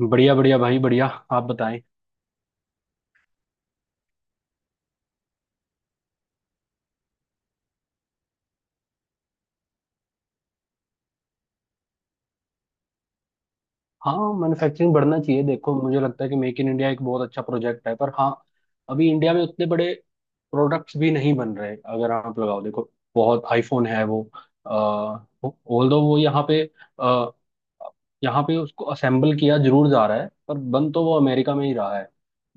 बढ़िया बढ़िया भाई बढ़िया। आप बताएं। हाँ, मैन्युफैक्चरिंग बढ़ना चाहिए। देखो, मुझे लगता है कि मेक इन इंडिया एक बहुत अच्छा प्रोजेक्ट है, पर हाँ अभी इंडिया में उतने बड़े प्रोडक्ट्स भी नहीं बन रहे। अगर आप लगाओ, देखो बहुत आईफोन है। वो ऑल दो वो यहाँ पे अ, यहाँ पे उसको असेंबल किया जरूर जा रहा है, पर बन तो वो अमेरिका में ही रहा है।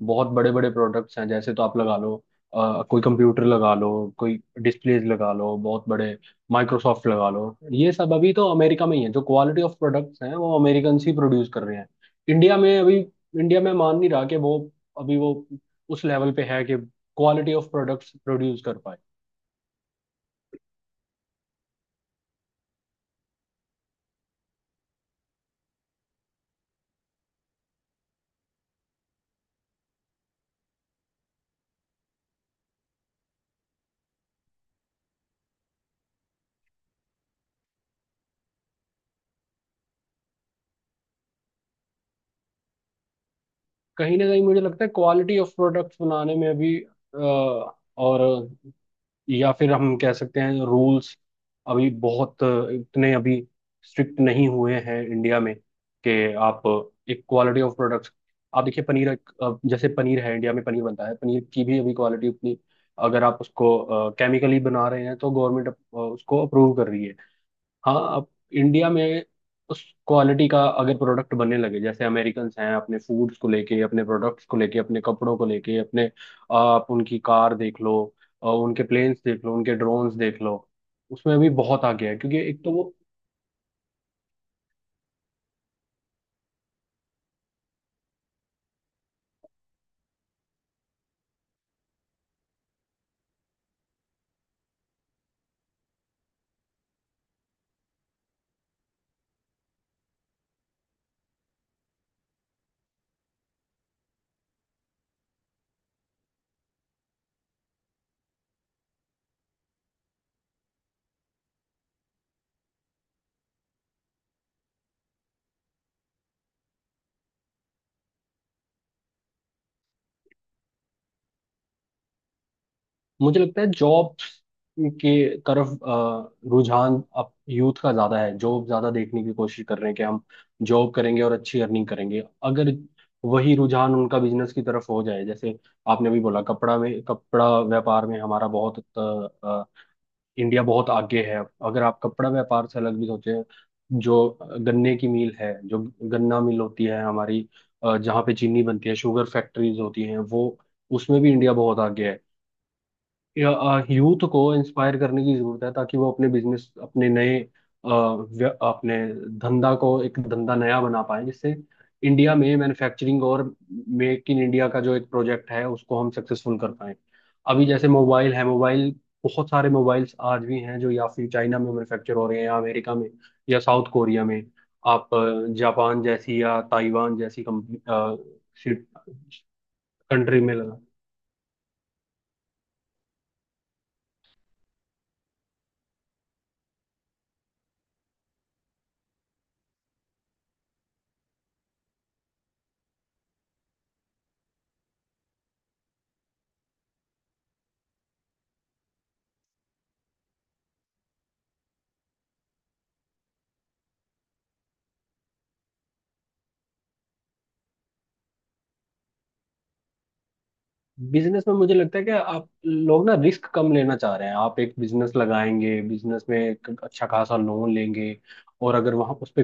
बहुत बड़े बड़े प्रोडक्ट्स हैं, जैसे तो आप लगा लो, कोई कंप्यूटर लगा लो, कोई डिस्प्लेज लगा लो। बहुत बड़े, माइक्रोसॉफ्ट लगा लो। ये सब अभी तो अमेरिका में ही है। जो क्वालिटी ऑफ प्रोडक्ट्स हैं वो अमेरिकन ही प्रोड्यूस कर रहे हैं। इंडिया में अभी, इंडिया में मान नहीं रहा कि वो अभी वो उस लेवल पे है कि क्वालिटी ऑफ प्रोडक्ट्स प्रोड्यूस कर पाए। कहीं ना कहीं मुझे लगता है क्वालिटी ऑफ प्रोडक्ट्स बनाने में अभी अ, और, या फिर हम कह सकते हैं रूल्स अभी बहुत, इतने अभी स्ट्रिक्ट नहीं हुए हैं इंडिया में कि आप एक क्वालिटी ऑफ प्रोडक्ट्स। आप देखिए पनीर, जैसे पनीर है, इंडिया में पनीर बनता है, पनीर की भी अभी क्वालिटी उतनी। अगर आप उसको केमिकली बना रहे हैं तो गवर्नमेंट उसको अप्रूव कर रही है। हाँ, अब इंडिया में उस क्वालिटी का अगर प्रोडक्ट बनने लगे, जैसे अमेरिकन्स हैं अपने फूड्स को लेके, अपने प्रोडक्ट्स को लेके, अपने कपड़ों को लेके, अपने, आप उनकी कार देख लो, उनके प्लेन्स देख लो, उनके ड्रोन्स देख लो। उसमें भी बहुत आगे है क्योंकि एक तो वो। मुझे लगता है जॉब्स के तरफ रुझान अब यूथ का ज्यादा है। जॉब ज्यादा देखने की कोशिश कर रहे हैं कि हम जॉब करेंगे और अच्छी अर्निंग करेंगे। अगर वही रुझान उनका बिजनेस की तरफ हो जाए, जैसे आपने अभी बोला कपड़ा में, कपड़ा व्यापार में हमारा बहुत अ, इंडिया बहुत आगे है। अगर आप कपड़ा व्यापार से अलग भी सोचें, जो गन्ने की मिल है, जो गन्ना मिल होती है हमारी, जहाँ पे चीनी बनती है, शुगर फैक्ट्रीज होती हैं, वो उसमें भी इंडिया बहुत आगे है। या, यूथ को इंस्पायर करने की जरूरत है ताकि वो अपने बिजनेस, अपने नए अपने धंधा को, एक धंधा नया बना पाए, जिससे इंडिया में मैन्युफैक्चरिंग और मेक इन इंडिया का जो एक प्रोजेक्ट है उसको हम सक्सेसफुल कर पाए। अभी जैसे मोबाइल है, मोबाइल, बहुत सारे मोबाइल्स आज भी हैं जो या फिर चाइना में मैन्युफैक्चर हो रहे हैं, या अमेरिका में, या साउथ कोरिया में। आप जापान जैसी या ताइवान जैसी कंपनी, कंट्री में। बिजनेस में मुझे लगता है कि आप लोग ना रिस्क कम लेना चाह रहे हैं। आप एक बिजनेस लगाएंगे, बिजनेस में एक अच्छा खासा लोन लेंगे, और अगर वहाँ उस पे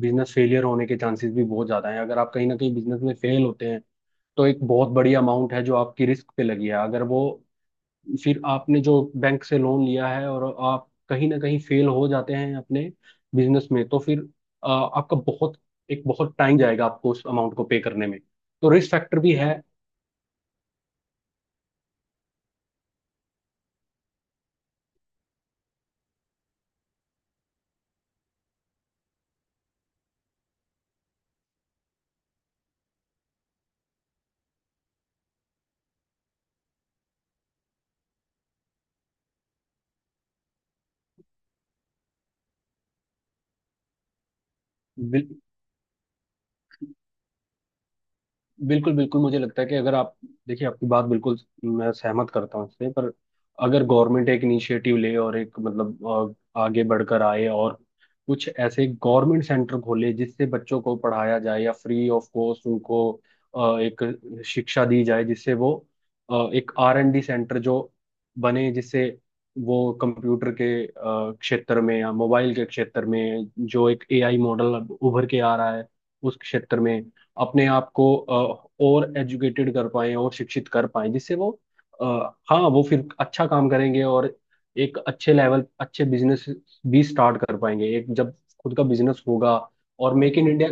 बिजनेस फेलियर होने के चांसेस भी बहुत ज़्यादा हैं। अगर आप कहीं ना कहीं बिजनेस में फेल होते हैं, तो एक बहुत बड़ी अमाउंट है जो आपकी रिस्क पे लगी है। अगर वो, फिर आपने जो बैंक से लोन लिया है, और आप कहीं ना कहीं फेल हो जाते हैं अपने बिजनेस में, तो फिर आपका बहुत, एक बहुत टाइम जाएगा आपको उस अमाउंट को पे करने में। तो रिस्क फैक्टर भी है। बिल्कुल बिल्कुल, मुझे लगता है कि अगर आप, देखिए आपकी बात बिल्कुल मैं सहमत करता हूँ इससे, पर अगर गवर्नमेंट एक इनिशिएटिव ले और एक मतलब आगे बढ़कर आए, और कुछ ऐसे गवर्नमेंट सेंटर खोले जिससे बच्चों को पढ़ाया जाए, या फ्री ऑफ कॉस्ट उनको एक शिक्षा दी जाए, जिससे वो एक R&D सेंटर जो बने, जिससे वो कंप्यूटर के क्षेत्र में या मोबाइल के क्षेत्र में जो एक एआई मॉडल उभर के आ रहा है, उस क्षेत्र में अपने आप को और एजुकेटेड कर पाए और शिक्षित कर पाए, जिससे वो अ, हाँ वो फिर अच्छा काम करेंगे, और एक अच्छे लेवल, अच्छे बिजनेस भी स्टार्ट कर पाएंगे। एक जब खुद का बिजनेस होगा, और मेक इन इंडिया।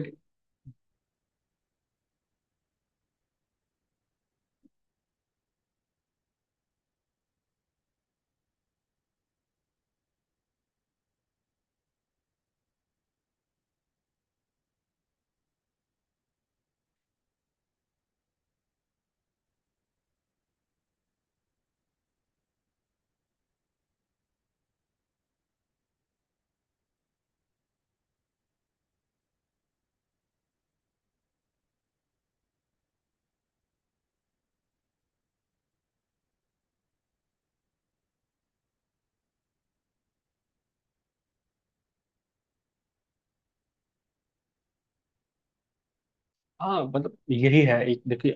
हाँ, मतलब यही है, एक देखिए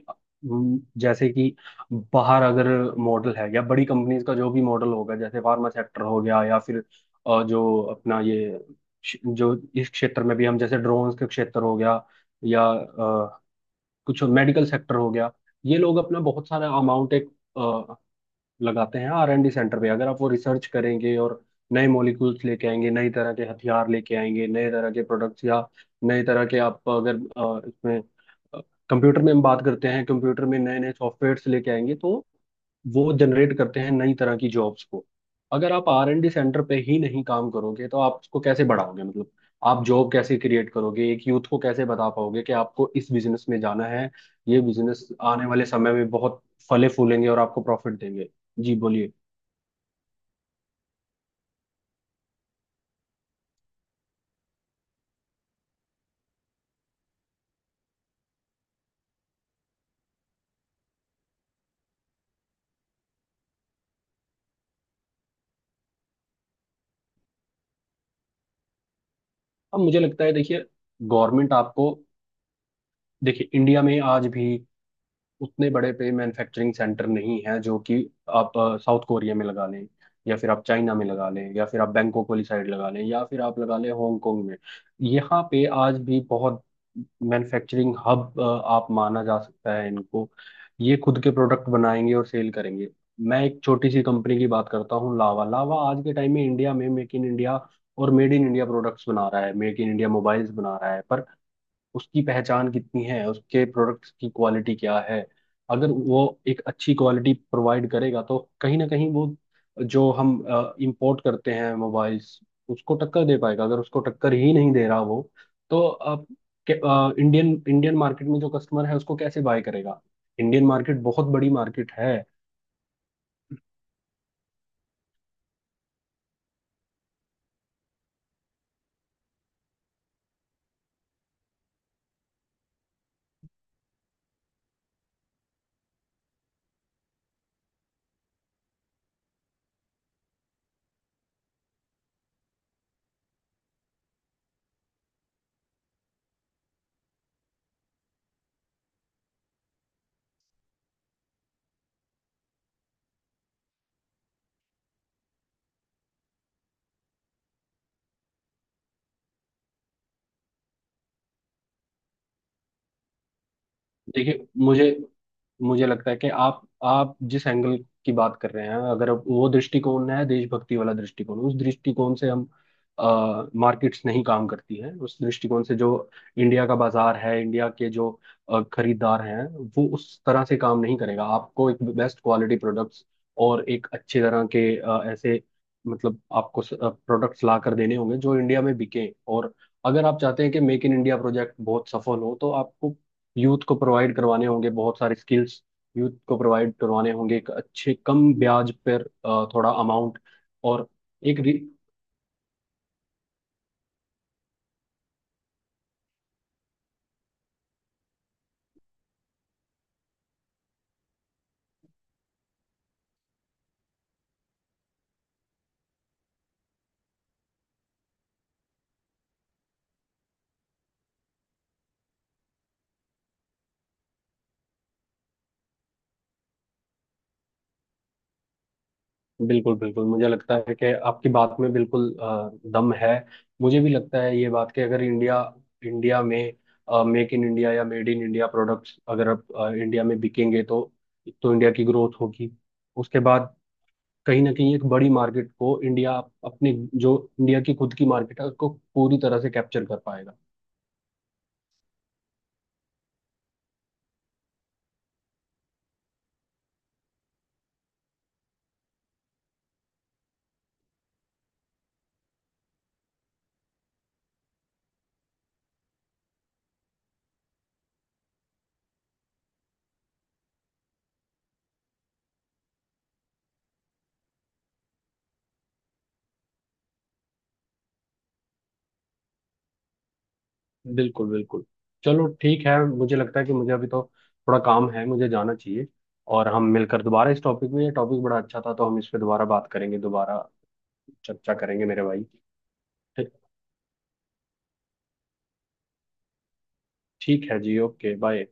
जैसे कि बाहर अगर मॉडल है, या बड़ी कंपनीज का जो भी मॉडल होगा, जैसे फार्मा सेक्टर हो गया, या फिर जो अपना ये जो इस क्षेत्र में भी हम, जैसे ड्रोन्स के क्षेत्र हो गया, या कुछ मेडिकल सेक्टर हो गया, ये लोग अपना बहुत सारा अमाउंट एक अ, लगाते हैं R&D सेंटर पे। अगर आप वो रिसर्च करेंगे और नए मॉलिक्यूल्स लेके आएंगे, नई तरह के हथियार लेके आएंगे, नए तरह के प्रोडक्ट्स, या नए तरह के आप अगर इसमें कंप्यूटर में हम बात करते हैं, कंप्यूटर में नए नए सॉफ्टवेयर्स लेके आएंगे, तो वो जनरेट करते हैं नई तरह की जॉब्स को। अगर आप R&D सेंटर पे ही नहीं काम करोगे, तो आप उसको कैसे बढ़ाओगे? मतलब आप जॉब कैसे क्रिएट करोगे? एक यूथ को कैसे बता पाओगे कि आपको इस बिजनेस में जाना है, ये बिजनेस आने वाले समय में बहुत फले फूलेंगे और आपको प्रॉफिट देंगे। जी बोलिए। अब मुझे लगता है, देखिए गवर्नमेंट आपको, देखिए इंडिया में आज भी उतने बड़े पे मैन्युफैक्चरिंग सेंटर नहीं है जो कि आप साउथ कोरिया में लगा लें, या फिर आप चाइना में लगा लें, या फिर आप बैंकॉक वाली साइड लगा लें, या फिर आप लगा लें हांगकांग में। यहाँ पे आज भी बहुत मैन्युफैक्चरिंग हब आप माना जा सकता है इनको। ये खुद के प्रोडक्ट बनाएंगे और सेल करेंगे। मैं एक छोटी सी कंपनी की बात करता हूँ, लावा। लावा आज के टाइम में इंडिया में मेक इन इंडिया और मेड इन इंडिया प्रोडक्ट्स बना रहा है, मेक इन इंडिया मोबाइल्स बना रहा है, पर उसकी पहचान कितनी है? उसके प्रोडक्ट्स की क्वालिटी क्या है? अगर वो एक अच्छी क्वालिटी प्रोवाइड करेगा, तो कहीं ना कहीं वो जो हम इंपोर्ट करते हैं मोबाइल्स उसको टक्कर दे पाएगा। अगर उसको टक्कर ही नहीं दे रहा वो, तो आप इंडियन, इंडियन मार्केट में जो कस्टमर है उसको कैसे बाय करेगा? इंडियन मार्केट बहुत बड़ी मार्केट है। देखिए मुझे मुझे लगता है कि आप जिस एंगल की बात कर रहे हैं, अगर वो दृष्टिकोण है देशभक्ति वाला दृष्टिकोण, उस दृष्टिकोण से हम, मार्केट्स नहीं काम करती हैं उस दृष्टिकोण से। जो इंडिया का बाजार है, इंडिया के जो खरीदार हैं, वो उस तरह से काम नहीं करेगा। आपको एक बेस्ट क्वालिटी प्रोडक्ट्स और एक अच्छे तरह के ऐसे, मतलब आपको प्रोडक्ट्स ला कर देने होंगे जो इंडिया में बिके। और अगर आप चाहते हैं कि मेक इन इंडिया प्रोजेक्ट बहुत सफल हो, तो आपको यूथ को प्रोवाइड करवाने होंगे बहुत सारे स्किल्स। यूथ को प्रोवाइड करवाने होंगे एक अच्छे कम ब्याज पर थोड़ा अमाउंट, और एक रि-। बिल्कुल बिल्कुल, मुझे लगता है कि आपकी बात में बिल्कुल दम है। मुझे भी लगता है ये बात, कि अगर इंडिया, इंडिया में मेक इन इंडिया या मेड इन इंडिया प्रोडक्ट्स अगर आप इंडिया में बिकेंगे, तो इंडिया की ग्रोथ होगी। उसके बाद कहीं ना कहीं एक बड़ी मार्केट को इंडिया अपने, जो इंडिया की खुद की मार्केट है उसको पूरी तरह से कैप्चर कर पाएगा। बिल्कुल बिल्कुल। चलो ठीक है, मुझे लगता है कि मुझे अभी तो थोड़ा काम है, मुझे जाना चाहिए। और हम मिलकर दोबारा इस टॉपिक में, ये टॉपिक बड़ा अच्छा था, तो हम इस पे दोबारा बात करेंगे, दोबारा चर्चा करेंगे मेरे भाई। ठीक। ठीक है जी, ओके बाय।